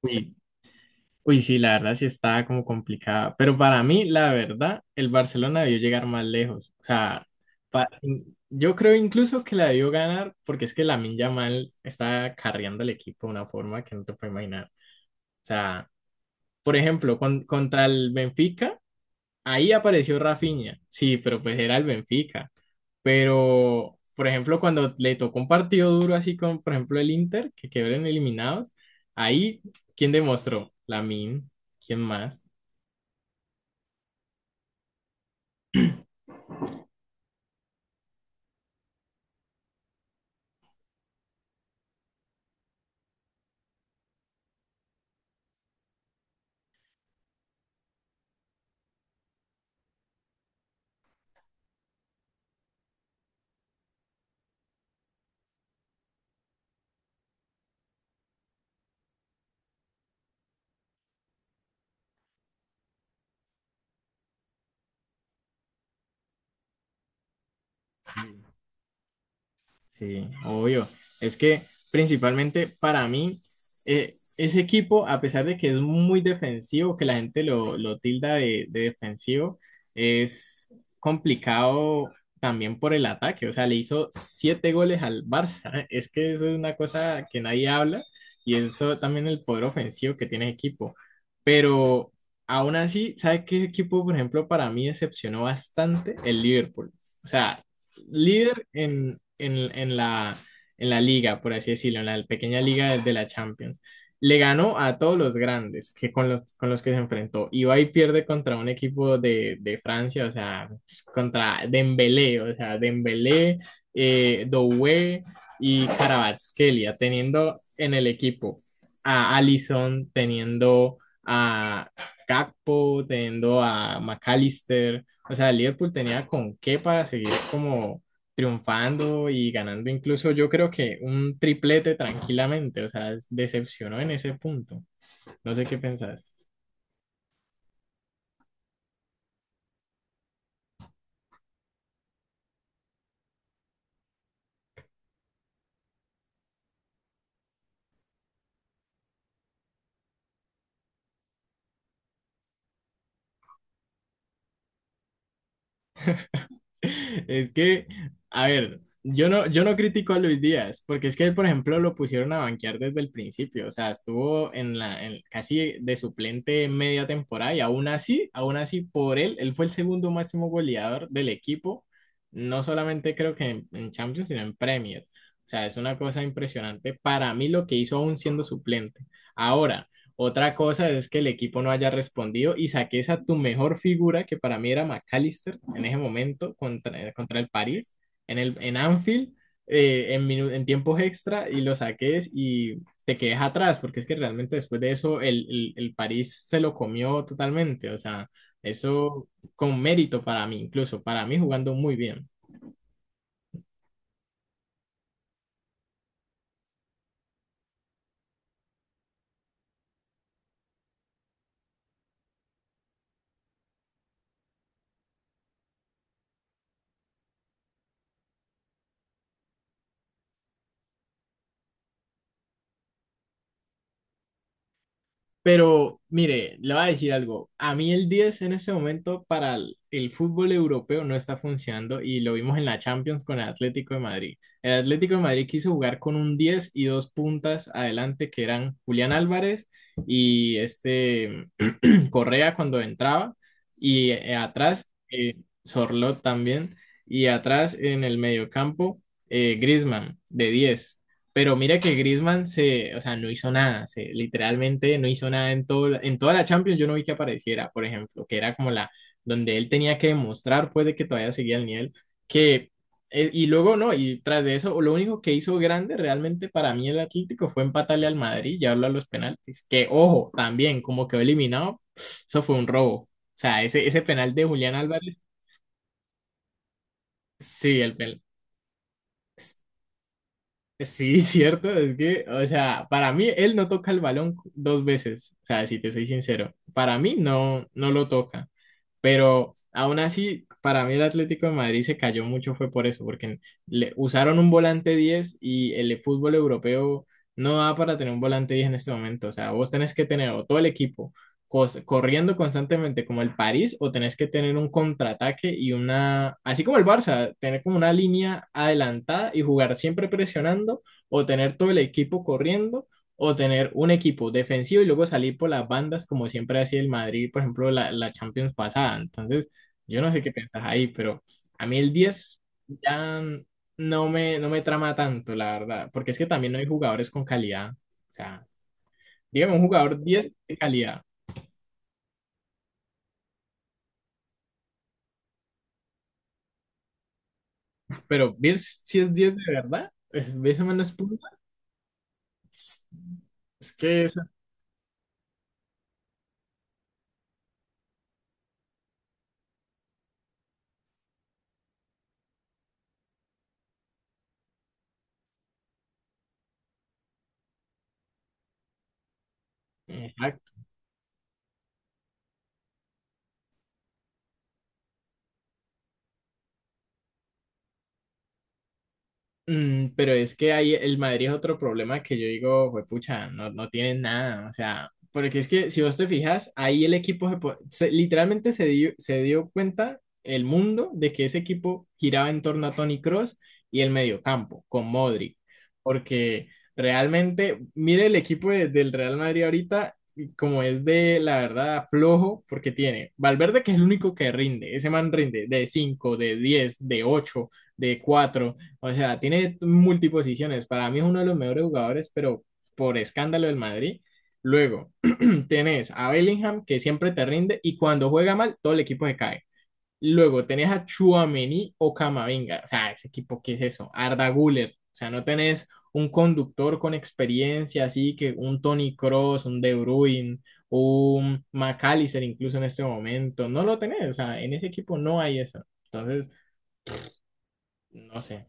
Uy, uy, sí, la verdad sí está como complicada. Pero para mí, la verdad, el Barcelona debió llegar más lejos. O sea, pa- yo creo incluso que la debió ganar porque es que Lamine Yamal está carreando al equipo de una forma que no te puedo imaginar. O sea, por ejemplo, contra el Benfica. Ahí apareció Rafinha, sí, pero pues era el Benfica. Pero, por ejemplo, cuando le tocó un partido duro así con, por ejemplo, el Inter, que quedaron eliminados, ahí, ¿quién demostró? min, ¿Quién más? Sí, obvio. Es que principalmente para mí, ese equipo, a pesar de que es muy defensivo, que la gente lo tilda de defensivo, es complicado también por el ataque. O sea, le hizo siete goles al Barça. Es que eso es una cosa que nadie habla y eso también el poder ofensivo que tiene el equipo. Pero aún así, ¿sabe qué equipo, por ejemplo, para mí decepcionó bastante? El Liverpool. O sea, líder en la liga, por así decirlo, en la pequeña liga de la Champions. Le ganó a todos los grandes que con con los que se enfrentó. Y va y pierde contra un equipo de Francia, o sea, pues, contra Dembélé, o sea, Dembélé, Doué y Kvaratskhelia, teniendo en el equipo a Alisson, teniendo a Gakpo, teniendo a McAllister, o sea, el Liverpool tenía con qué para seguir como triunfando y ganando incluso yo creo que un triplete tranquilamente. O sea, decepcionó en ese punto. No sé qué pensás. Es que, a ver, yo no critico a Luis Díaz, porque es que él, por ejemplo, lo pusieron a banquear desde el principio, o sea, estuvo en casi de suplente media temporada y aún así, por él, él fue el segundo máximo goleador del equipo, no solamente creo que en Champions, sino en Premier. O sea, es una cosa impresionante para mí lo que hizo aún siendo suplente. Ahora, otra cosa es que el equipo no haya respondido y saques a tu mejor figura, que para mí era McAllister en ese momento contra el París, en Anfield, en tiempos extra, y lo saques y te quedes atrás, porque es que realmente después de eso el París se lo comió totalmente. O sea, eso con mérito para mí, incluso para mí jugando muy bien. Pero mire, le voy a decir algo. A mí el 10 en este momento para el fútbol europeo no está funcionando y lo vimos en la Champions con el Atlético de Madrid. El Atlético de Madrid quiso jugar con un 10 y dos puntas adelante que eran Julián Álvarez y este Correa cuando entraba y atrás Sorlot también y atrás en el mediocampo Griezmann de diez. Pero mira que o sea, no hizo nada, literalmente no hizo nada en todo, en toda la Champions, yo no vi que apareciera, por ejemplo, que era como la donde él tenía que demostrar pues de que todavía seguía el nivel que y luego no, y tras de eso, lo único que hizo grande realmente para mí el Atlético fue empatarle al Madrid y hablo a los penaltis. Que ojo, también como quedó eliminado, eso fue un robo. O sea, ese penal de Julián Álvarez, sí, el penal. Sí, cierto, es que, o sea, para mí él no toca el balón dos veces, o sea, si te soy sincero, para mí no lo toca. Pero aún así, para mí el Atlético de Madrid se cayó mucho fue por eso, porque le usaron un volante 10 y el fútbol europeo no da para tener un volante 10 en este momento. O sea, vos tenés que tener o todo el equipo corriendo constantemente como el París o tenés que tener un contraataque así como el Barça, tener como una línea adelantada y jugar siempre presionando o tener todo el equipo corriendo o tener un equipo defensivo y luego salir por las bandas, como siempre hacía el Madrid, por ejemplo, la Champions pasada. Entonces, yo no sé qué pensás ahí, pero a mí el 10 ya no me trama tanto, la verdad, porque es que también no hay jugadores con calidad. O sea, dígame un jugador 10 de calidad, pero ver si es 10 de verdad, pues, ese man no es punta. Es que esa- Mm, pero es que ahí el Madrid es otro problema que yo digo, juepucha, no tienen nada, o sea, porque es que si vos te fijas, ahí el equipo se, po- se- literalmente se dio cuenta el mundo de que ese equipo giraba en torno a Toni Kroos y el mediocampo con Modric, porque realmente, mire el equipo del Real Madrid ahorita, y como es de la verdad flojo, porque tiene Valverde que es el único que rinde, ese man rinde de 5 de 10 de 8 de cuatro, o sea, tiene multiposiciones. Para mí es uno de los mejores jugadores, pero por escándalo del Madrid. Luego tenés a Bellingham, que siempre te rinde, y cuando juega mal, todo el equipo se cae. Luego tenés a Chuamení o Camavinga. O sea, ese equipo, ¿qué es eso? Arda Güler. O sea, no tenés un conductor con experiencia, así que un Toni Kroos, un De Bruyne, un McAllister incluso en este momento. No lo tenés. O sea, en ese equipo no hay eso. Entonces, no sé.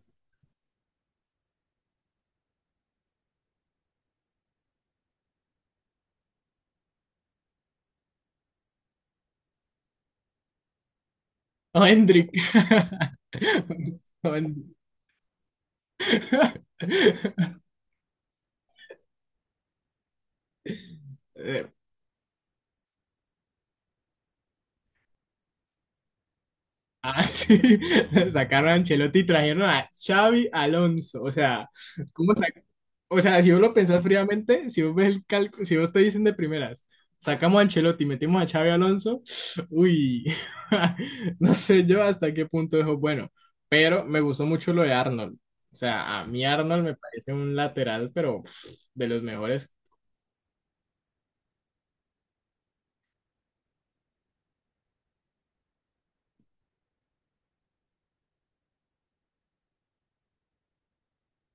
O Hendrik. O Hen- Eh, sí. Sacaron a Ancelotti y trajeron a Xavi Alonso. O sea, ¿cómo sa- O sea, si vos lo pensás fríamente, si vos ves el cálculo, si vos te dicen de primeras, sacamos a Ancelotti y metimos a Xavi Alonso, uy, no sé yo hasta qué punto eso es bueno. Pero me gustó mucho lo de Arnold. O sea, a mí Arnold me parece un lateral, pero pff, de los mejores.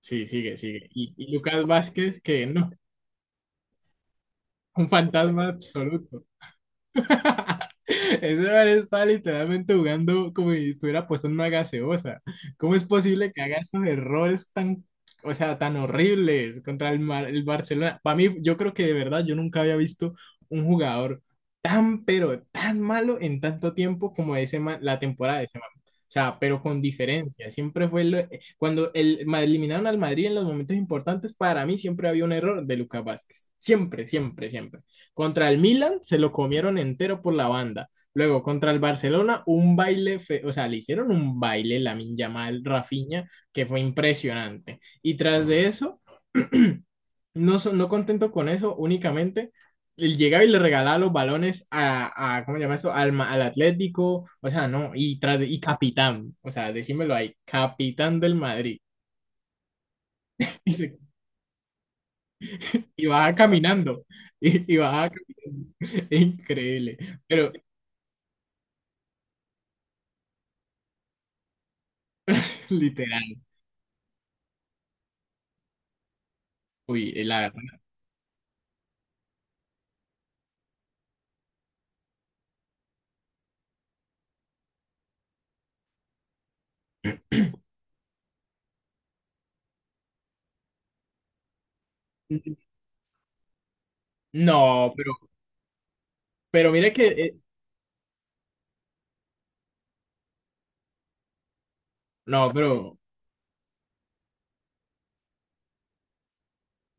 Sí, sigue, sigue. Y Lucas Vázquez, que no, un fantasma absoluto. Ese man está literalmente jugando como si estuviera apostando una gaseosa. ¿Cómo es posible que haga esos errores tan, o sea, tan horribles contra el, el Barcelona? Para mí, yo creo que de verdad yo nunca había visto un jugador tan, pero tan malo en tanto tiempo como la temporada de ese man. O sea, pero con diferencia. Siempre fue cuando eliminaron al Madrid en los momentos importantes, para mí siempre había un error de Lucas Vázquez. Siempre, siempre, siempre. Contra el Milan se lo comieron entero por la banda. Luego contra el Barcelona, un baile, o sea, le hicieron un baile Lamine Yamal, Rafinha, que fue impresionante. Y tras de eso, no contento con eso, únicamente él llegaba y le regalaba los balones a ¿cómo se llama eso? Al Atlético, o sea, no, y y capitán, o sea, decímelo ahí, capitán del Madrid. Y, se, y bajaba caminando, y bajaba caminando. Increíble, pero literal. Uy, la verdad. No, pero mira que, no,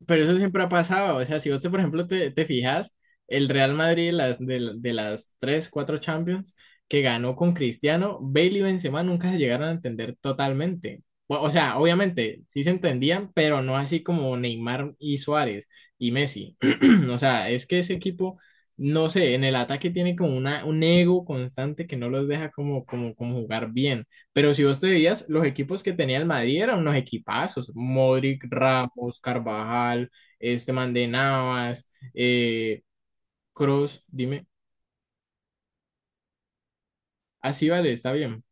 pero eso siempre ha pasado. O sea, si por ejemplo, te fijas, el Real Madrid de las 3 4 Champions que ganó con Cristiano, Bale y Benzema nunca se llegaron a entender totalmente. O sea, obviamente sí se entendían, pero no así como Neymar y Suárez y Messi. O sea, es que ese equipo, no sé, en el ataque tiene como un ego constante que no los deja como jugar bien. Pero si vos te veías, los equipos que tenía el Madrid eran unos equipazos. Modric, Ramos, Carvajal, este man de Navas, eh, Kroos, dime. Así vale, está bien.